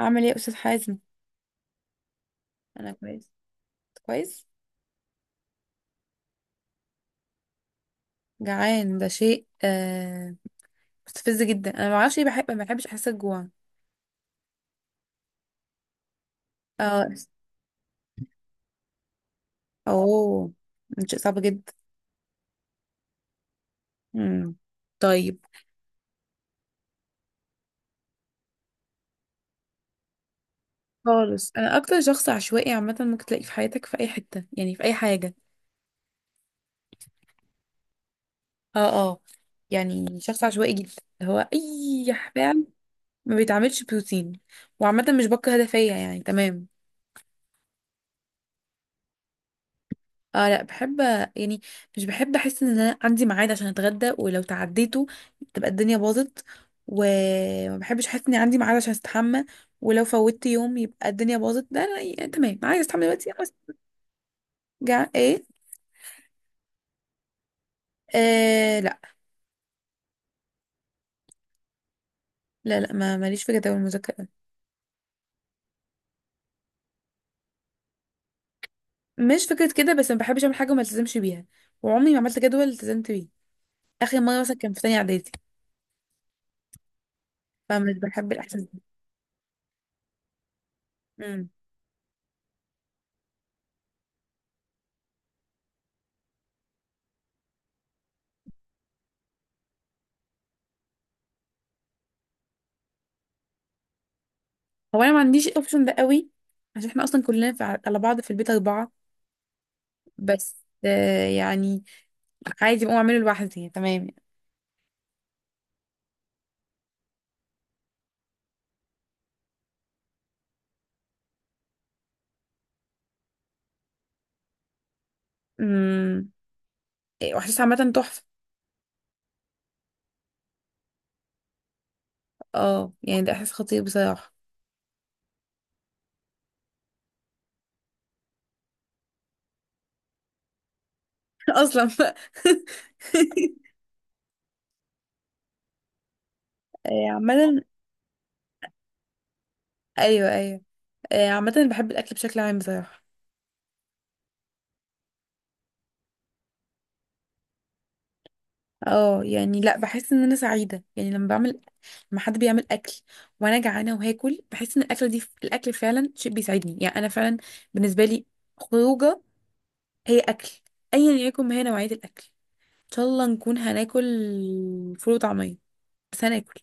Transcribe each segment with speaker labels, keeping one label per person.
Speaker 1: اعمل ايه يا استاذ حازم؟ انا كويس، كويس. جعان، ده شيء مستفز جدا. انا ما اعرفش ليه بحب، ما بحبش احس الجوع. اه، اوه، ده شيء صعب جدا. امم، طيب. خالص، انا اكتر شخص عشوائي عامه ممكن تلاقيه في حياتك في اي حته، يعني في اي حاجه. اه، اه، يعني شخص عشوائي جدا، اللي هو اي فعل ما بيتعملش بروتين. وعامه مش بكره ده فيا، يعني تمام. اه، لا بحب، يعني مش بحب احس ان انا عندي ميعاد عشان اتغدى، ولو تعديته تبقى الدنيا باظت. وما بحبش احس اني عندي ميعاد عشان استحمى، ولو فوتت يوم يبقى الدنيا باظت. ده انا يعني تمام، عايز استحمى دلوقتي خلاص. جع ايه؟ آه، لا. لا، لا ما ماليش في جدول المذاكره أوي. مش فكره كده، بس ما بحبش اعمل حاجه وما التزمش بيها، وعمري ما عملت جدول التزمت بيه. اخر مره مثلا كان في تانية اعدادي. فمش بحب الاحساس ده. مم. هو انا ما عنديش الاوبشن ده قوي، عشان احنا اصلا كلنا في على بعض في البيت اربعه بس. يعني عادي بقوم اعمله لوحدي، يعني تمام. امم. إيه، واحساس عامة تحفة. اه، يعني ده احساس خطير بصراحة. اصلا بقى. آه، عامة. ايوه، ايوه. آه، عامة بحب الاكل بشكل عام بصراحة. اه، يعني لا، بحس ان انا سعيدة يعني لما حد بيعمل اكل وانا جعانة وهاكل، بحس ان الاكل فعلا شيء بيسعدني، يعني انا فعلا بالنسبة لي خروجة هي اكل، ايا يكن ما هي نوعية الاكل. ان شاء الله نكون هناكل فول وطعمية، بس هناكل.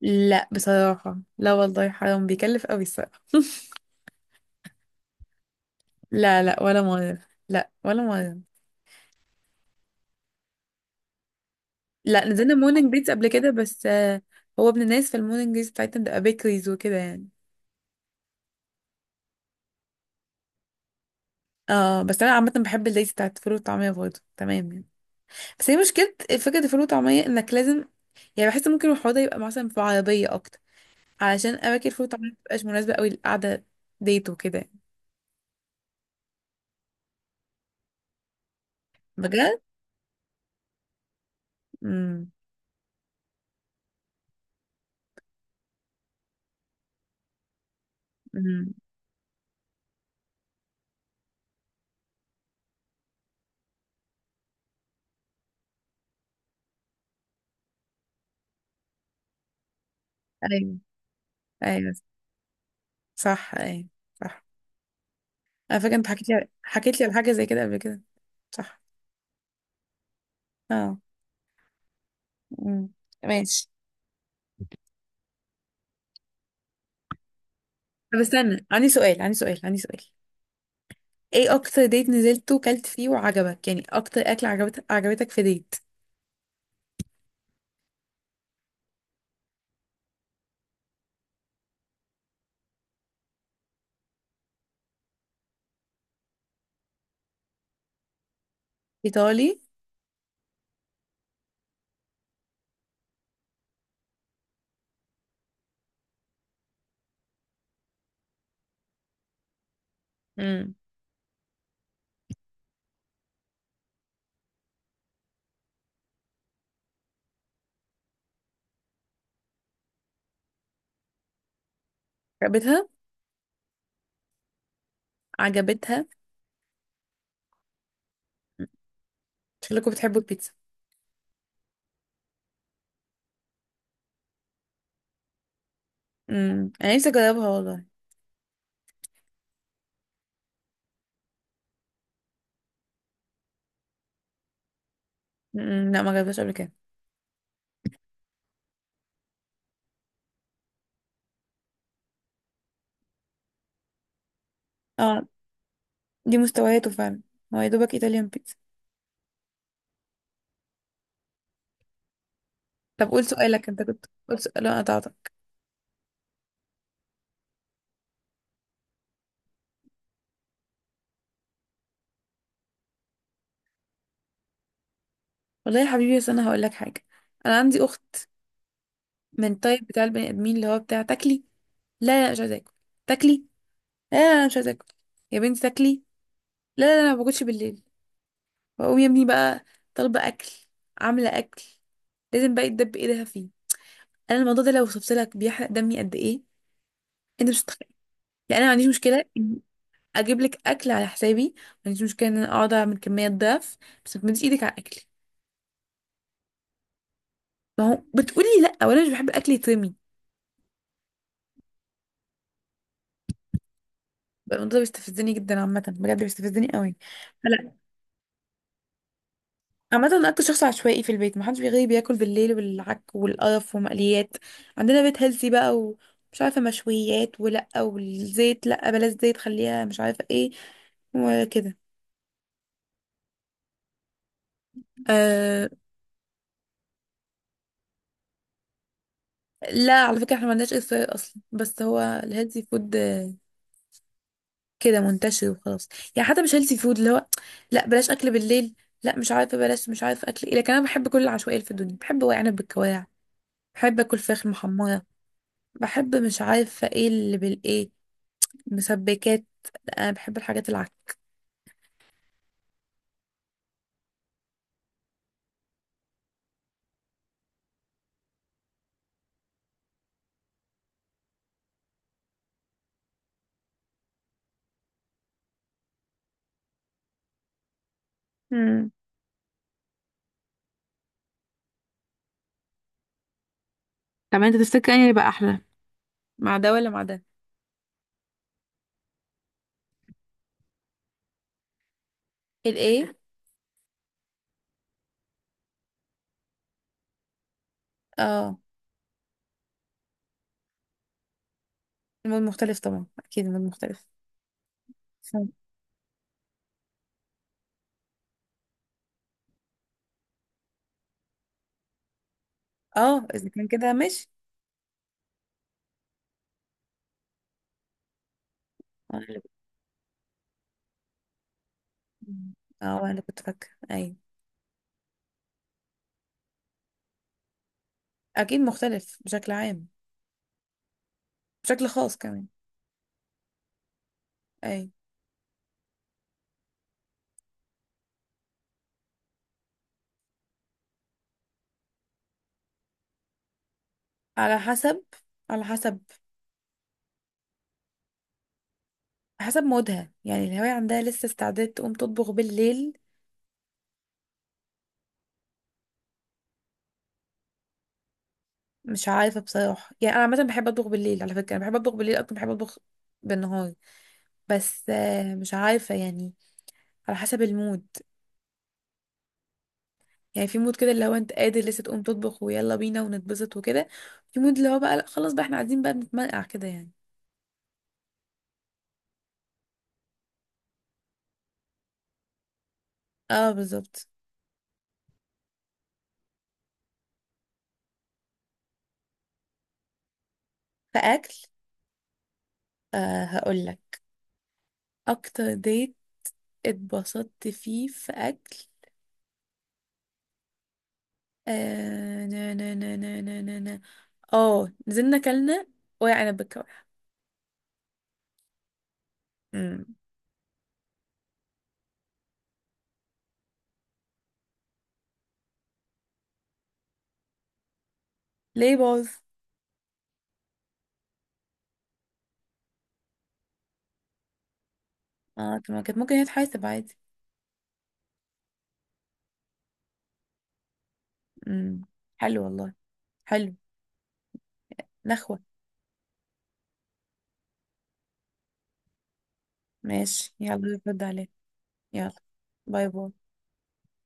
Speaker 1: لا بصراحة، لا والله، حرام، بيكلف قوي الصراحة. لا، لا، ولا مرة، لا، ولا مرة. لا، نزلنا مورنينج بيتز قبل كده بس. هو ابن الناس في المورنينج بيتز بتاعتنا بتبقى بيكريز وكده يعني. اه، بس انا عامة بحب الليز بتاعت الفول والطعمية برضه، تمام يعني. بس هي مشكلة فكرة الفول والطعمية انك لازم، يعني بحس ممكن الحوار ده يبقى مثلا في عربية اكتر، علشان اماكن الفول والطعمية مبتبقاش مناسبة قوي للقعدة ديت وكده يعني. بجد؟ امم. ايوه، ايوه. صح، ايوه، صح. انا فاكره انت حكيت لي على حاجه زي كده قبل كده. صح. اه. امم. ماشي. طب استنى، عندي سؤال، عندي سؤال، عندي سؤال. ايه اكتر ديت نزلته وكلت فيه وعجبك، يعني اكتر اكل عجبتك في ديت؟ ايطالي. امم. عجبتها، عجبتها. شكلكم بتحبوا البيتزا. امم، انا نفسي اجربها والله. امم، لا، ما جربتهاش قبل كده. اه، دي مستوياته فعلا، هو يا دوبك ايطاليان بيتزا. طب قول سؤالك، انت كنت، قول سؤال، انا قطعتك. والله يا حبيبي، بس انا هقول لك حاجه. انا عندي اخت من الطيب بتاع البني ادمين، اللي هو بتاع: تاكلي؟ لا، لا، أنا مش عايزه اكل. تاكلي؟ لا، لا، أنا مش عايزه اكل. يا بنتي تاكلي. لا، لا، أنا ما باكلش بالليل. بقوم يا ابني بقى طالبه اكل، عامله اكل، لازم بقى يتدب ايدها فيه. انا الموضوع ده لو وصفت لك بيحرق دمي قد ايه، انت مش هتتخيل. يعني انا ما عنديش مشكله إني اجيب لك اكل على حسابي، ما عنديش مشكله ان انا اقعد اعمل كميه ضعف، بس ما تمديش ايدك على اكلي. ما هو بتقولي لا، وانا مش بحب الاكل يترمي. القانون ده بيستفزني جدا عامة، بجد بيستفزني قوي. لا. عامة أنا أكتر شخص عشوائي في البيت، محدش بيغيب، بياكل بالليل والعك والقرف ومقليات. عندنا بيت هيلثي بقى، ومش عارفة، مشويات ولأ، والزيت لأ، بلاش زيت، خليها مش عارفة ايه، وكده. أه. لا، على فكرة احنا ما عندناش إصرار أصلا، بس هو الهيلثي فود كده منتشر وخلاص. يعني حتى مش هيلثي فود، اللي هو لأ بلاش أكل بالليل، لأ مش عارفة، بلاش مش عارفة أكل ايه، لكن أنا بحب كل العشوائية اللي في الدنيا، بحب ورق عنب بالكواع، بحب اكل فراخ محمره، بحب مش عارفة ايه اللي بالايه، مسبكات. لا، انا بحب الحاجات العكس. مم. طب انت تفتكر اني يبقى احلى مع ده ولا مع ده؟ الايه؟ اه، المود مختلف طبعا، اكيد المود مختلف. صح. اه، اذا كان كده ماشي. اه أنا اللي- أنا اللي كنت فاكرة، ايوه. اكيد مختلف بشكل عام، بشكل خاص كمان. ايوه. على حسب على حسب حسب مودها، يعني الهواية عندها لسه استعداد تقوم تطبخ بالليل. مش عارفه بصراحه، يعني انا عامه بحب اطبخ بالليل، على فكره انا بحب اطبخ بالليل اكتر ما بحب اطبخ بالنهار، بس. مش عارفه يعني، على حسب المود. يعني في مود كده اللي هو انت قادر لسه تقوم تطبخ ويلا بينا ونتبسط وكده، في مود اللي هو بقى لا، خلاص بقى احنا قاعدين بقى بنتمرقع كده يعني. اه، بالظبط. فاكل. آه، هقول لك. اكتر ديت اتبسطت فيه في اكل. آه نا نا نا نا نا نا نا. اه، نزلنا كلنا ورق عنب بالكوارع. أمم. ليه باظ؟ اه، طب ما كانت ممكن هي تحاسب عادي. امم. حلو والله، حلو. نخوة. ماشي، يلا رد عليه. يلا، باي باي.